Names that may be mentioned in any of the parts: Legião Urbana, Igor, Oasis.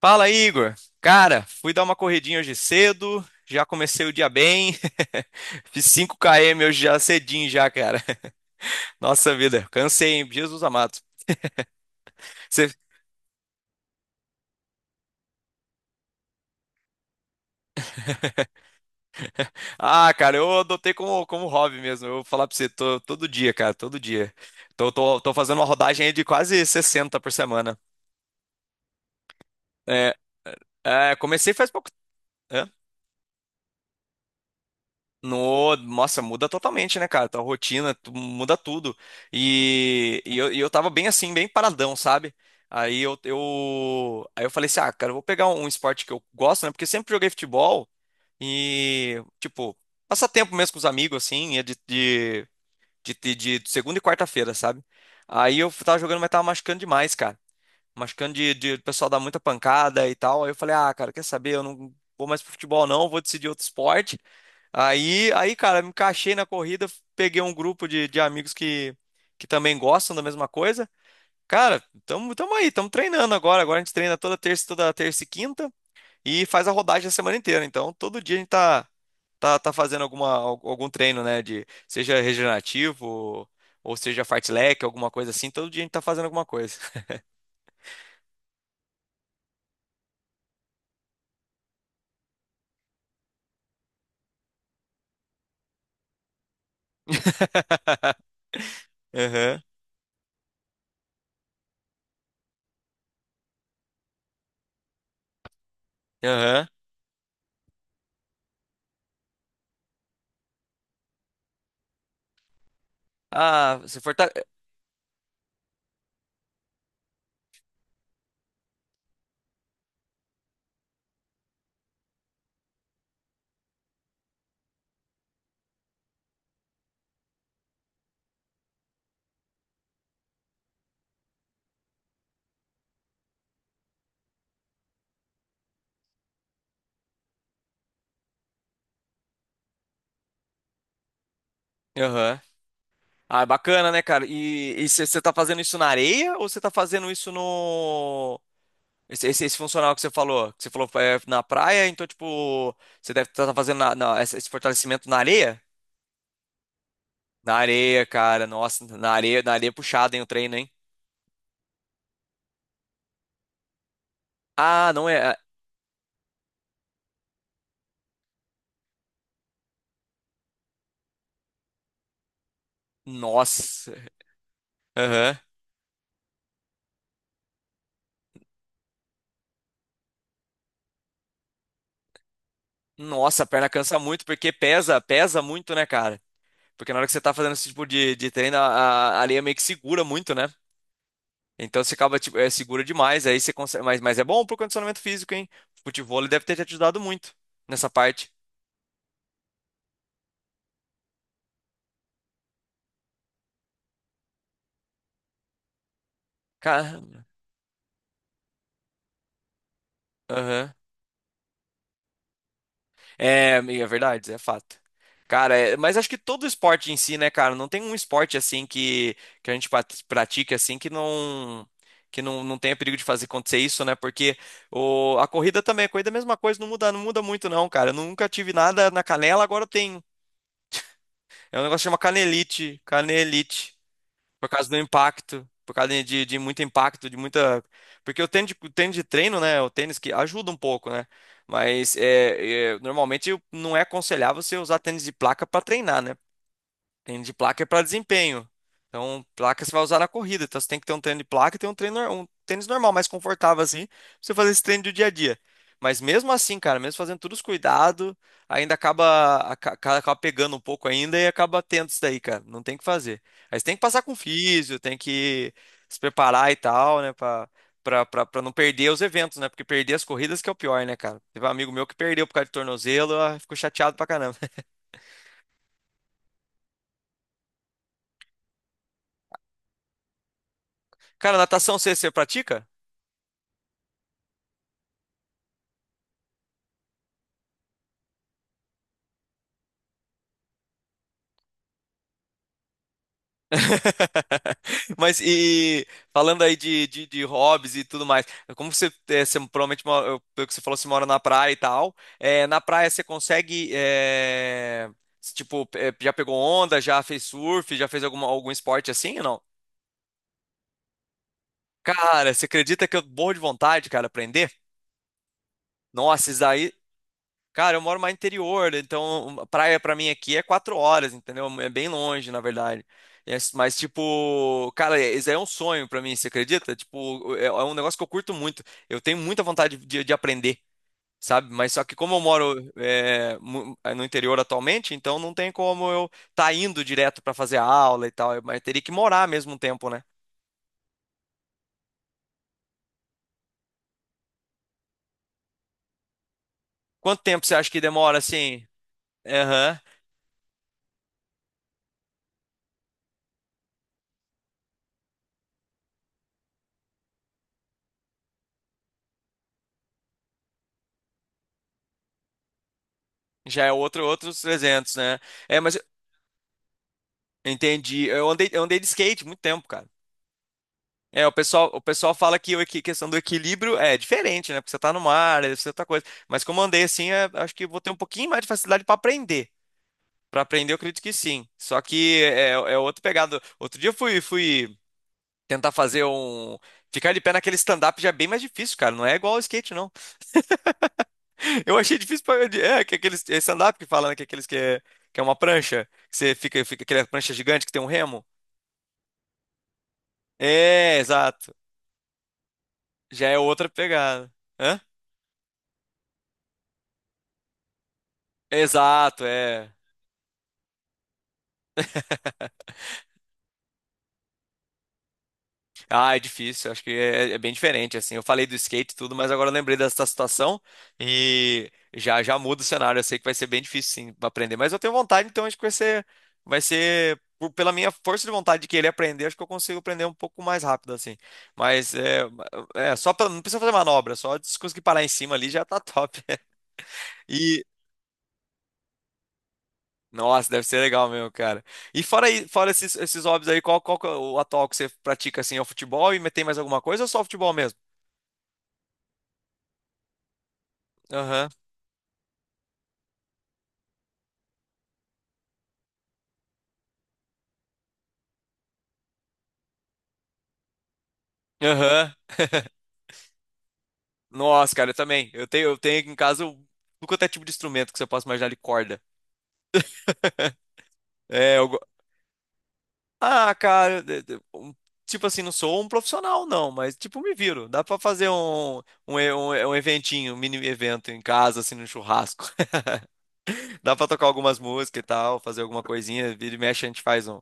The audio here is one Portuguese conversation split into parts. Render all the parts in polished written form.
Fala, Igor. Cara, fui dar uma corridinha hoje cedo, já comecei o dia bem. Fiz cinco km hoje já cedinho já, cara. Nossa vida, cansei, hein? Jesus amado. Você- Ah, cara, eu adotei como hobby mesmo. Eu vou falar pra você, todo dia, cara, todo dia. Tô fazendo uma rodagem aí de quase 60 por semana. É, comecei faz pouco. No, Nossa, muda totalmente, né, cara? Tua rotina, muda tudo. E eu tava bem assim, bem paradão, sabe? Aí eu falei assim, ah, cara, eu vou pegar um esporte que eu gosto, né? Porque eu sempre joguei futebol e, tipo, passar tempo mesmo com os amigos, assim, e de segunda e quarta-feira, sabe? Aí eu tava jogando, mas tava machucando demais, cara. Machucando de o pessoal dar muita pancada e tal. Aí eu falei, ah, cara, quer saber? Eu não vou mais pro futebol, não, vou decidir outro esporte. Aí, cara, me encaixei na corrida, peguei um grupo de amigos que também gostam da mesma coisa. Cara, tamo aí, tamo treinando agora. Agora a gente treina toda terça e quinta e faz a rodagem a semana inteira. Então, todo dia a gente tá, tá fazendo algum treino, né? De, seja regenerativo ou seja fartlek, alguma coisa assim. Todo dia a gente tá fazendo alguma coisa. Aham, aham. Ah, você fortalece. Ah, é bacana, né, cara? E você tá fazendo isso na areia ou você tá fazendo isso no? Esse funcional que você falou? Que você falou é, na praia, então, tipo, você deve estar fazendo esse fortalecimento na areia? Na areia, cara. Nossa, na areia é puxado, hein, o treino, hein? Ah, não é. É. Nossa. Aham. Nossa, a perna cansa muito porque pesa, pesa muito, né, cara? Porque na hora que você tá fazendo esse tipo de treino, a areia meio que segura muito, né? Então você acaba, tipo, é segura demais, aí você consegue. Mas é bom pro condicionamento físico, hein? Futevôlei deve ter te ajudado muito nessa parte. Caramba. Aham. É, é verdade, é fato. Cara, é, mas acho que todo esporte em si, né, cara? Não tem um esporte assim que a gente pratique assim que não. Que não tenha perigo de fazer acontecer isso, né? Porque a corrida também, a corrida é a mesma coisa, não muda, não muda muito, não, cara. Eu nunca tive nada na canela, agora eu tenho. É um negócio que chama canelite. Canelite. Por causa do impacto, por causa de muito impacto, de muita. Porque o tênis de treino, né? O tênis que ajuda um pouco, né? Mas é, é, normalmente não é aconselhável você usar tênis de placa para treinar, né? Treino de placa é para desempenho. Então, placa você vai usar na corrida. Então, você tem que ter um treino de placa e ter um treino, um tênis normal, mais confortável assim, pra você fazer esse treino do dia a dia. Mas mesmo assim, cara, mesmo fazendo todos os cuidados, ainda acaba pegando um pouco ainda e acaba tendo isso daí, cara. Não tem o que fazer. Aí você tem que passar com físio, tem que se preparar e tal, né, pra não perder os eventos, né? Porque perder as corridas que é o pior, né, cara? Teve um amigo meu que perdeu por causa de tornozelo, ah, ficou chateado pra caramba. Cara, natação você, você pratica? Mas e falando aí de, de hobbies e tudo mais, como você, é, você provavelmente, pelo que você falou, você mora na praia e tal, é, na praia você consegue, é, tipo, é, já pegou onda, já fez surf, já fez alguma, algum esporte assim ou não? Cara, você acredita que eu morro de vontade, cara, aprender? Nossa, isso daí. Cara, eu moro mais interior, então praia pra mim aqui é 4 horas, entendeu? É bem longe, na verdade. É. Mas, tipo, cara, é, isso aí é um sonho pra mim, você acredita? Tipo, é é um negócio que eu curto muito. Eu tenho muita vontade de aprender, sabe? Mas só que como eu moro é, é no interior atualmente, então não tem como eu tá indo direto pra fazer aula e tal. Mas teria que morar mesmo um tempo, né? Quanto tempo você acha que demora, assim? Aham. Já é outro, outros 300, né? É, mas entendi. Eu andei de skate muito tempo, cara. É, o pessoal fala que a questão do equilíbrio é diferente, né? Porque você tá no mar, é outra coisa. Mas como eu andei assim, é, acho que vou ter um pouquinho mais de facilidade para aprender. Para aprender, eu acredito que sim. Só que é, é outro pegado. Outro dia eu fui tentar fazer um. Ficar de pé naquele stand-up já é bem mais difícil, cara. Não é igual ao skate, não. Eu achei difícil pra. É, que aqueles é stand-up que fala, né? Que aqueles que é uma prancha. Que você fica, fica aquela prancha gigante que tem um remo. É, exato. Já é outra pegada. Hã? Exato, é. Ah, é difícil, acho que é bem diferente, assim. Eu falei do skate e tudo, mas agora eu lembrei dessa situação e já já muda o cenário. Eu sei que vai ser bem difícil, sim, pra aprender, mas eu tenho vontade, então acho que vai ser pela minha força de vontade de querer aprender, acho que eu consigo aprender um pouco mais rápido, assim. Mas é, é só pra, não precisa fazer manobra, só de conseguir parar em cima ali já tá top. e Nossa, deve ser legal mesmo, cara. E fora, aí, fora esses, esses hobbies aí, qual, qual que é o atual que você pratica assim? É o futebol e tem mais alguma coisa ou só o futebol mesmo? Aham. Aham. Nossa, cara, eu também. Eu tenho aqui em casa o, tudo quanto é tipo de instrumento que você possa imaginar de corda. É, eu... Ah, cara, tipo assim, não sou um profissional, não, mas tipo, me viro. Dá pra fazer um eventinho, um mini evento em casa, assim, no churrasco. Dá pra tocar algumas músicas e tal, fazer alguma coisinha, vira e mexe, a gente faz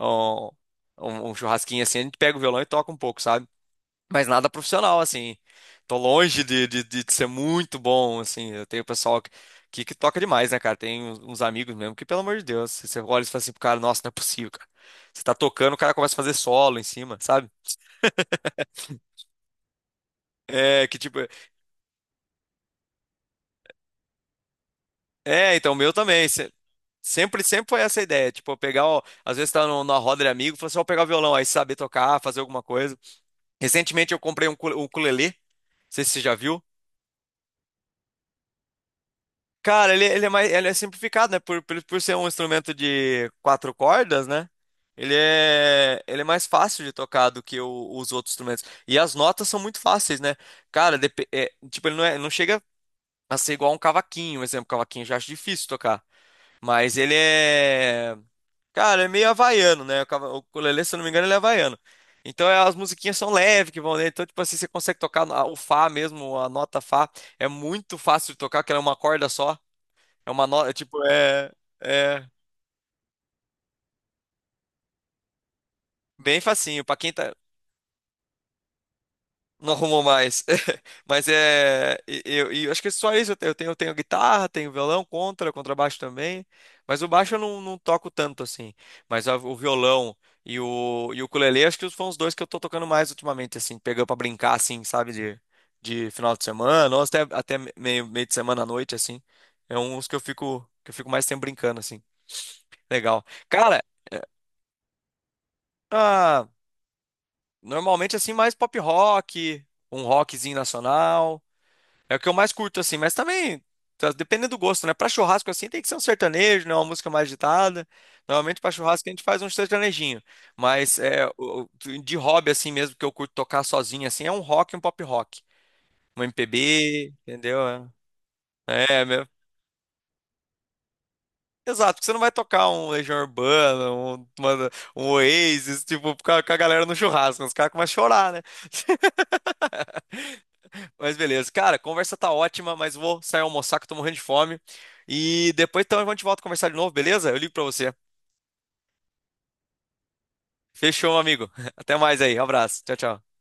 um, um churrasquinho assim, a gente pega o violão e toca um pouco, sabe? Mas nada profissional, assim. Tô longe de ser muito bom, assim. Eu tenho pessoal que, que toca demais, né, cara? Tem uns amigos mesmo que, pelo amor de Deus, você olha e fala assim pro cara, nossa, não é possível, cara. Você tá tocando, o cara começa a fazer solo em cima, sabe? É, que tipo. É, então, o meu também. Sempre, sempre foi essa ideia, tipo, eu pegar, ó, às vezes tá numa roda de amigo, falou assim, ó, pegar o violão, aí saber tocar, fazer alguma coisa. Recentemente eu comprei um ukulele, não sei se você já viu. Cara, ele é mais, ele é simplificado, né? Por ser um instrumento de 4 cordas, né? Ele é mais fácil de tocar do que os outros instrumentos. E as notas são muito fáceis, né? Cara, é, tipo, ele não, é, não chega a ser igual a um cavaquinho, por exemplo. Cavaquinho eu já acho difícil tocar. Mas ele é. Cara, é meio havaiano, né? O o ukulele, se eu não me engano, ele é havaiano. Então é, as musiquinhas são leves que vão dentro. Então, tipo assim, você consegue tocar o Fá mesmo, a nota Fá. É muito fácil de tocar, que ela é uma corda só. É uma nota, é tipo, é, é bem facinho pra quem tá, não arrumou mais. Mas é, e eu acho que é só isso eu tenho, guitarra, tenho violão, contrabaixo também, mas o baixo eu não, não toco tanto assim. Mas o violão e o ukulele acho que foram os dois que eu tô tocando mais ultimamente assim, pegando pra brincar assim, sabe, de final de semana, ou até meio de semana à noite assim. É uns que eu fico mais tempo brincando assim. Legal. Cara, é, ah, normalmente, assim, mais pop rock, um rockzinho nacional. É o que eu mais curto, assim, mas também, tá, dependendo do gosto, né? Pra churrasco, assim, tem que ser um sertanejo, né? Uma música mais agitada. Normalmente, pra churrasco, a gente faz um sertanejinho. Mas é, de hobby, assim mesmo, que eu curto tocar sozinho, assim, é um rock e um pop rock. Um MPB, entendeu? É, é meu. Exato, porque você não vai tocar um Legião Urbana, um Oasis, tipo, com a galera no churrasco, né? Os caras começam a chorar, né? Mas beleza. Cara, a conversa tá ótima, mas vou sair almoçar que eu tô morrendo de fome. E depois então a gente volta a conversar de novo, beleza? Eu ligo pra você. Fechou, meu amigo. Até mais aí. Abraço. Tchau, tchau.